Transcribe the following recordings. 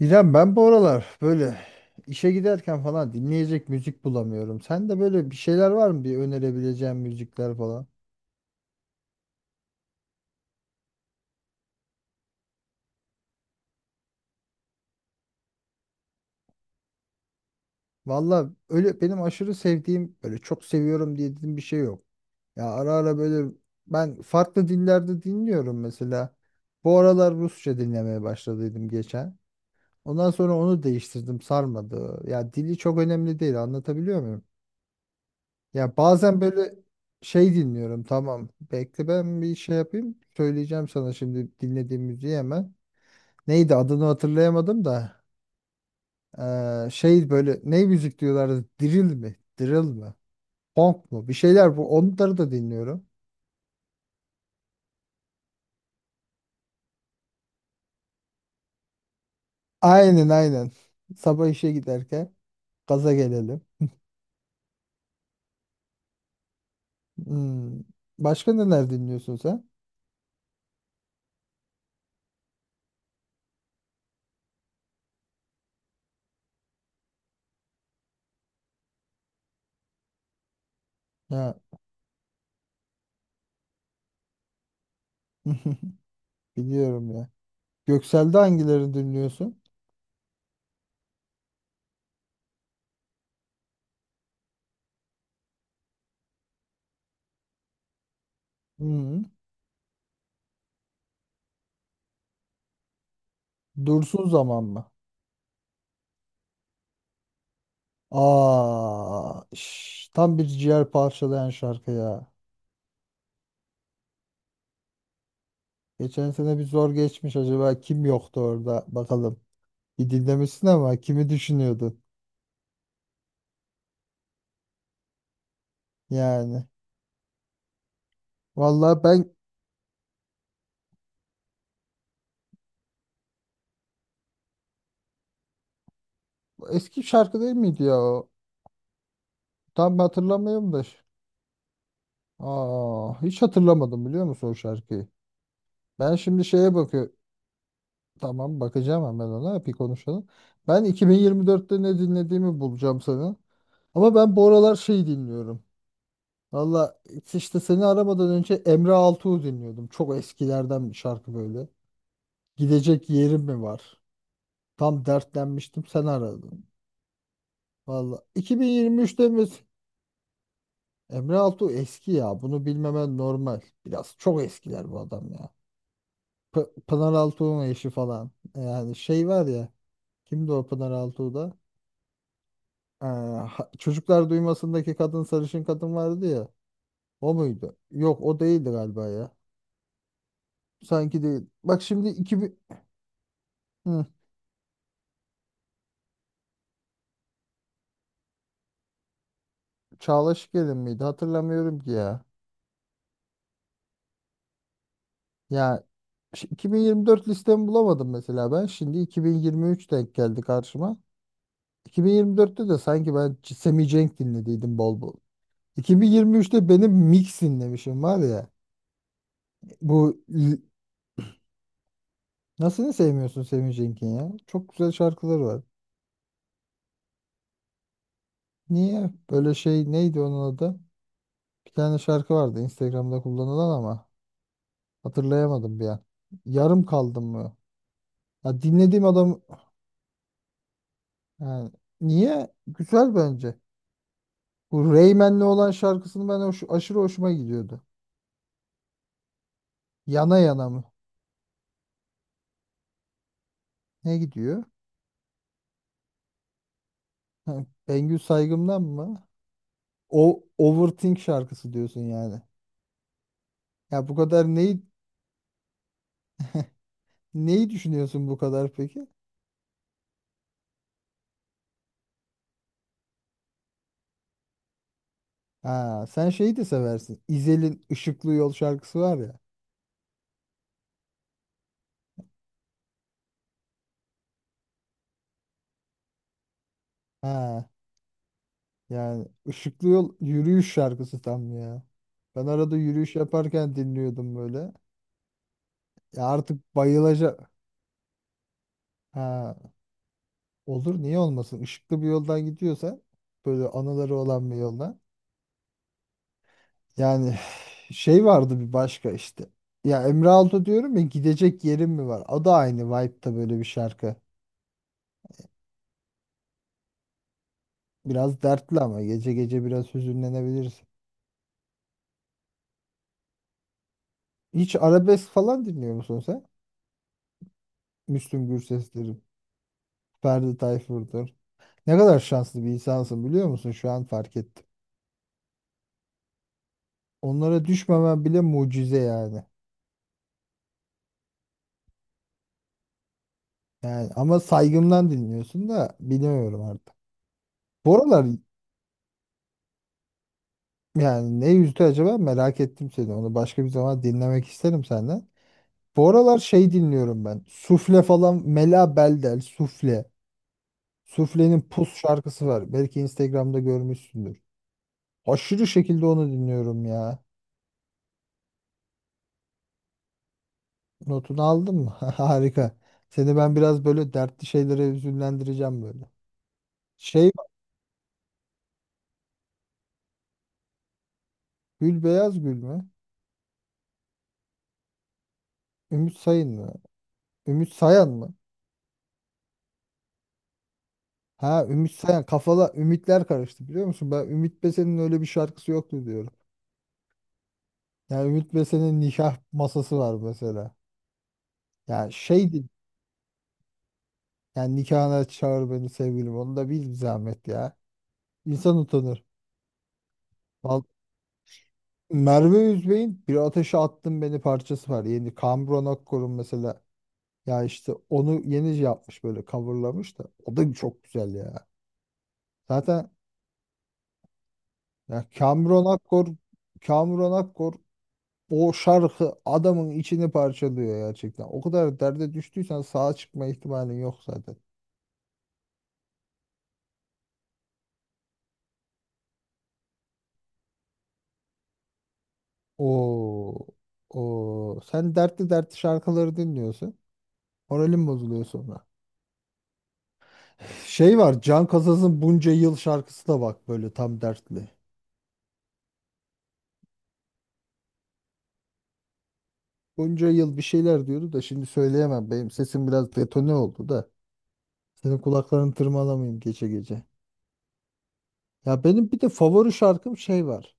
İrem ben bu aralar böyle işe giderken falan dinleyecek müzik bulamıyorum. Sen de böyle bir şeyler var mı bir önerebileceğin müzikler falan? Valla öyle benim aşırı sevdiğim böyle çok seviyorum diye dediğim bir şey yok. Ya ara ara böyle ben farklı dillerde dinliyorum mesela. Bu aralar Rusça dinlemeye başladıydım geçen. Ondan sonra onu değiştirdim sarmadı. Ya dili çok önemli değil, anlatabiliyor. Ya bazen böyle şey dinliyorum. Tamam. Bekle ben bir şey yapayım. Söyleyeceğim sana şimdi dinlediğim müziği hemen. Neydi adını hatırlayamadım da. Şey böyle ne müzik diyorlardı? Drill mi? Drill mi? Funk mu? Bir şeyler bu. Onları da dinliyorum. Aynen aynen. Sabah işe giderken gaza gelelim. Hmm. Başka neler dinliyorsun sen? Ya biliyorum ya. Göksel'de hangilerini dinliyorsun? Hmm. Dursun zaman mı? Aa, şş, tam bir ciğer parçalayan şarkı ya. Geçen sene bir zor geçmiş, acaba kim yoktu orada bakalım. Bir dinlemişsin ama kimi düşünüyordun yani. Vallahi ben, eski şarkı değil miydi ya o? Tam hatırlamıyorum da. Aa, hiç hatırlamadım, biliyor musun o şarkıyı? Ben şimdi şeye bakıyorum. Tamam, bakacağım hemen ona, bir konuşalım. Ben 2024'te ne dinlediğimi bulacağım sana. Ama ben bu aralar şey dinliyorum. Valla, işte seni aramadan önce Emre Altuğ'u dinliyordum. Çok eskilerden bir şarkı böyle. Gidecek yerim mi var? Tam dertlenmiştim, sen aradın. Valla 2023'te mi? Emre Altuğ eski ya. Bunu bilmemen normal. Biraz çok eskiler bu adam ya. Pınar Altuğ'un eşi falan. Yani şey var ya. Kimdi o Pınar Altuğ'da? Çocuklar Duymasındaki kadın, sarışın kadın vardı ya. O muydu? Yok, o değildi galiba ya. Sanki değil. Bak şimdi 2000... Hı. Çağlaş Gelin miydi? Hatırlamıyorum ki ya. Ya 2024 listemi bulamadım mesela ben. Şimdi 2023 denk geldi karşıma. 2024'te de sanki ben Semih Cenk dinlediydim bol bol. 2023'te benim mix dinlemişim var ya. Bu l- nasıl ne sevmiyorsun Semih Cenk'in ya? Çok güzel şarkıları var. Niye? Böyle şey neydi onun adı? Bir tane şarkı vardı Instagram'da kullanılan ama hatırlayamadım bir an. Yarım kaldım mı? Ya dinlediğim adam. Yani niye? Güzel bence. Bu Rayman'le olan şarkısını ben hoş, aşırı hoşuma gidiyordu. Yana yana mı? Ne gidiyor? Ha, Bengü Saygım'dan mı? O Overthink şarkısı diyorsun yani. Ya bu kadar neyi düşünüyorsun bu kadar peki? Ha, sen şeyi de seversin. İzel'in Işıklı Yol şarkısı var ya. Ha, yani Işıklı Yol yürüyüş şarkısı tam ya. Ben arada yürüyüş yaparken dinliyordum böyle. Ya artık bayılacak. Ha, olur, niye olmasın? Işıklı bir yoldan gidiyorsa, böyle anıları olan bir yoldan. Yani şey vardı bir başka işte. Ya Emre Altun diyorum ya, gidecek yerim mi var? O da aynı vibe'da böyle bir şarkı. Biraz dertli ama gece gece biraz hüzünlenebilirsin. Hiç arabesk falan dinliyor musun sen? Müslüm Gürses'tir, Ferdi Tayfur'dur. Ne kadar şanslı bir insansın biliyor musun? Şu an fark ettim. Onlara düşmemen bile mucize yani. Yani ama saygımdan dinliyorsun da bilmiyorum artık. Bu aralar. Yani ne yüzdü acaba, merak ettim seni. Onu başka bir zaman dinlemek isterim senden. Bu aralar şey dinliyorum ben. Sufle falan, Mela Beldel Sufle. Sufle'nin Pus şarkısı var. Belki Instagram'da görmüşsündür. Aşırı şekilde onu dinliyorum ya. Notunu aldın mı? Harika. Seni ben biraz böyle dertli şeylere üzünlendireceğim böyle. Şey, Gül Beyaz Gül mü? Ümit Sayın mı? Ümit Sayan mı? Ha, Ümit Sayan, kafala ümitler karıştı biliyor musun? Ben Ümit Besen'in öyle bir şarkısı yoktu diyorum. Yani Ümit Besen'in nikah masası var mesela. Yani şeydi. Yani, nikahına çağır beni sevgilim. Onu da bil bir zahmet ya. İnsan utanır. Val- Merve Üzbey'in Bir Ateşe Attın Beni parçası var. Yeni Kambron Akkor'un mesela. Ya işte onu yeni şey yapmış, böyle coverlamış da. O da çok güzel ya. Zaten, ya Kamron Akkor, Kamuran Akkor, o şarkı adamın içini parçalıyor gerçekten. O kadar derde düştüysen sağa çıkma ihtimalin yok zaten. Oo, oo. Sen dertli dertli şarkıları dinliyorsun. Moralim bozuluyor sonra. Şey var, Can Kazaz'ın Bunca Yıl şarkısı da bak böyle tam dertli. Bunca yıl bir şeyler diyordu da şimdi söyleyemem. Benim sesim biraz detone oldu da. Senin kulaklarını tırmalamayayım gece gece. Ya benim bir de favori şarkım şey var.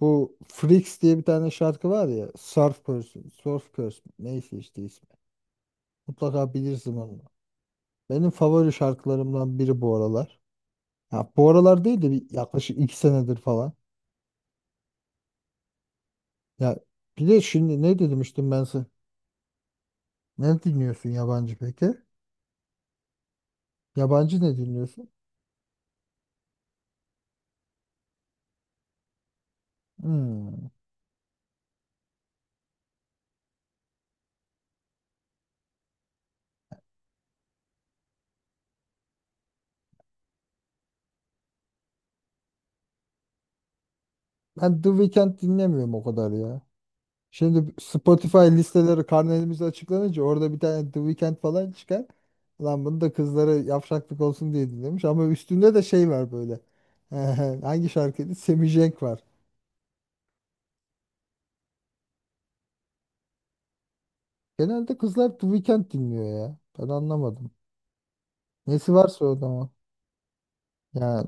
Bu Freaks diye bir tane şarkı var ya. Surf Person, Surf Curse, neyse işte ismi. Mutlaka bilirsin onu. Benim favori şarkılarımdan biri bu aralar. Ya bu aralar değil de bir yaklaşık iki senedir falan. Ya bir de şimdi ne demiştim ben sana? Ne dinliyorsun yabancı peki? Yabancı ne dinliyorsun? Hmm. Ben The Weeknd dinlemiyorum o kadar ya. Şimdi Spotify listeleri karnelimiz açıklanınca orada bir tane The Weeknd falan çıkar. Lan bunu da kızlara yavşaklık olsun diye dinlemiş ama üstünde de şey var böyle. Hangi şarkıydı? Semih Cenk var. Genelde kızlar The Weeknd dinliyor ya. Ben anlamadım. Nesi varsa o da ama. Ya,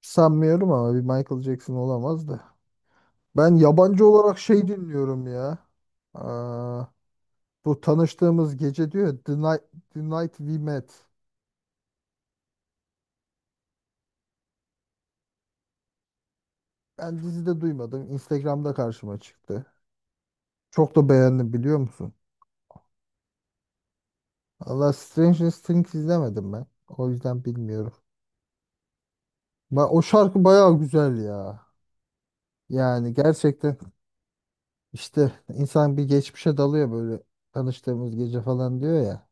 sanmıyorum ama bir Michael Jackson olamaz da. Ben yabancı olarak şey dinliyorum ya. Aa, bu tanıştığımız gece diyor ya, The Night, The Night We Met. Ben dizide duymadım. Instagram'da karşıma çıktı. Çok da beğendim biliyor musun? Allah, Stranger Things izlemedim ben. O yüzden bilmiyorum. O şarkı bayağı güzel ya. Yani gerçekten işte insan bir geçmişe dalıyor böyle, tanıştığımız gece falan diyor ya.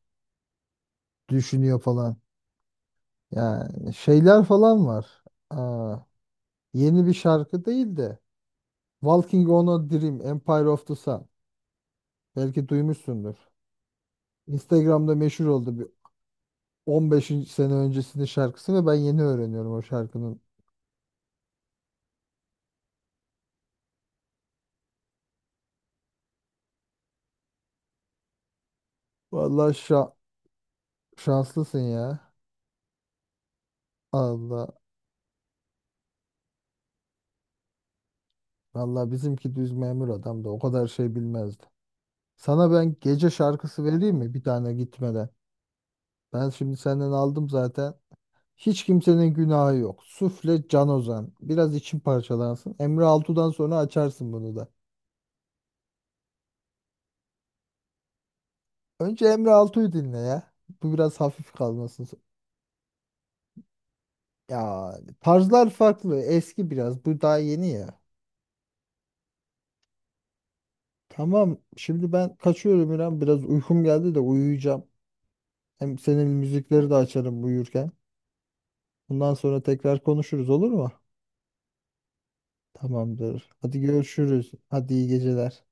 Düşünüyor falan. Yani şeyler falan var. Aa, yeni bir şarkı değil de Walking on a Dream, Empire of the Sun. Belki duymuşsundur. Instagram'da meşhur oldu, bir 15 sene öncesinin şarkısı ve ben yeni öğreniyorum o şarkının. Vallahi şanslısın ya. Allah. Vallahi bizimki düz memur adam, da o kadar şey bilmezdi. Sana ben gece şarkısı vereyim mi bir tane gitmeden? Ben şimdi senden aldım zaten. Hiç kimsenin günahı yok. Sufle, Can Ozan. Biraz için parçalansın. Emre Altu'dan sonra açarsın bunu da. Önce Emre Altu'yu dinle ya. Bu biraz hafif kalmasın. Ya tarzlar farklı. Eski biraz. Bu daha yeni ya. Tamam. Şimdi ben kaçıyorum İrem. Biraz uykum geldi de uyuyacağım. Hem senin müzikleri de açarım uyurken. Bundan sonra tekrar konuşuruz olur mu? Tamamdır. Hadi görüşürüz. Hadi iyi geceler.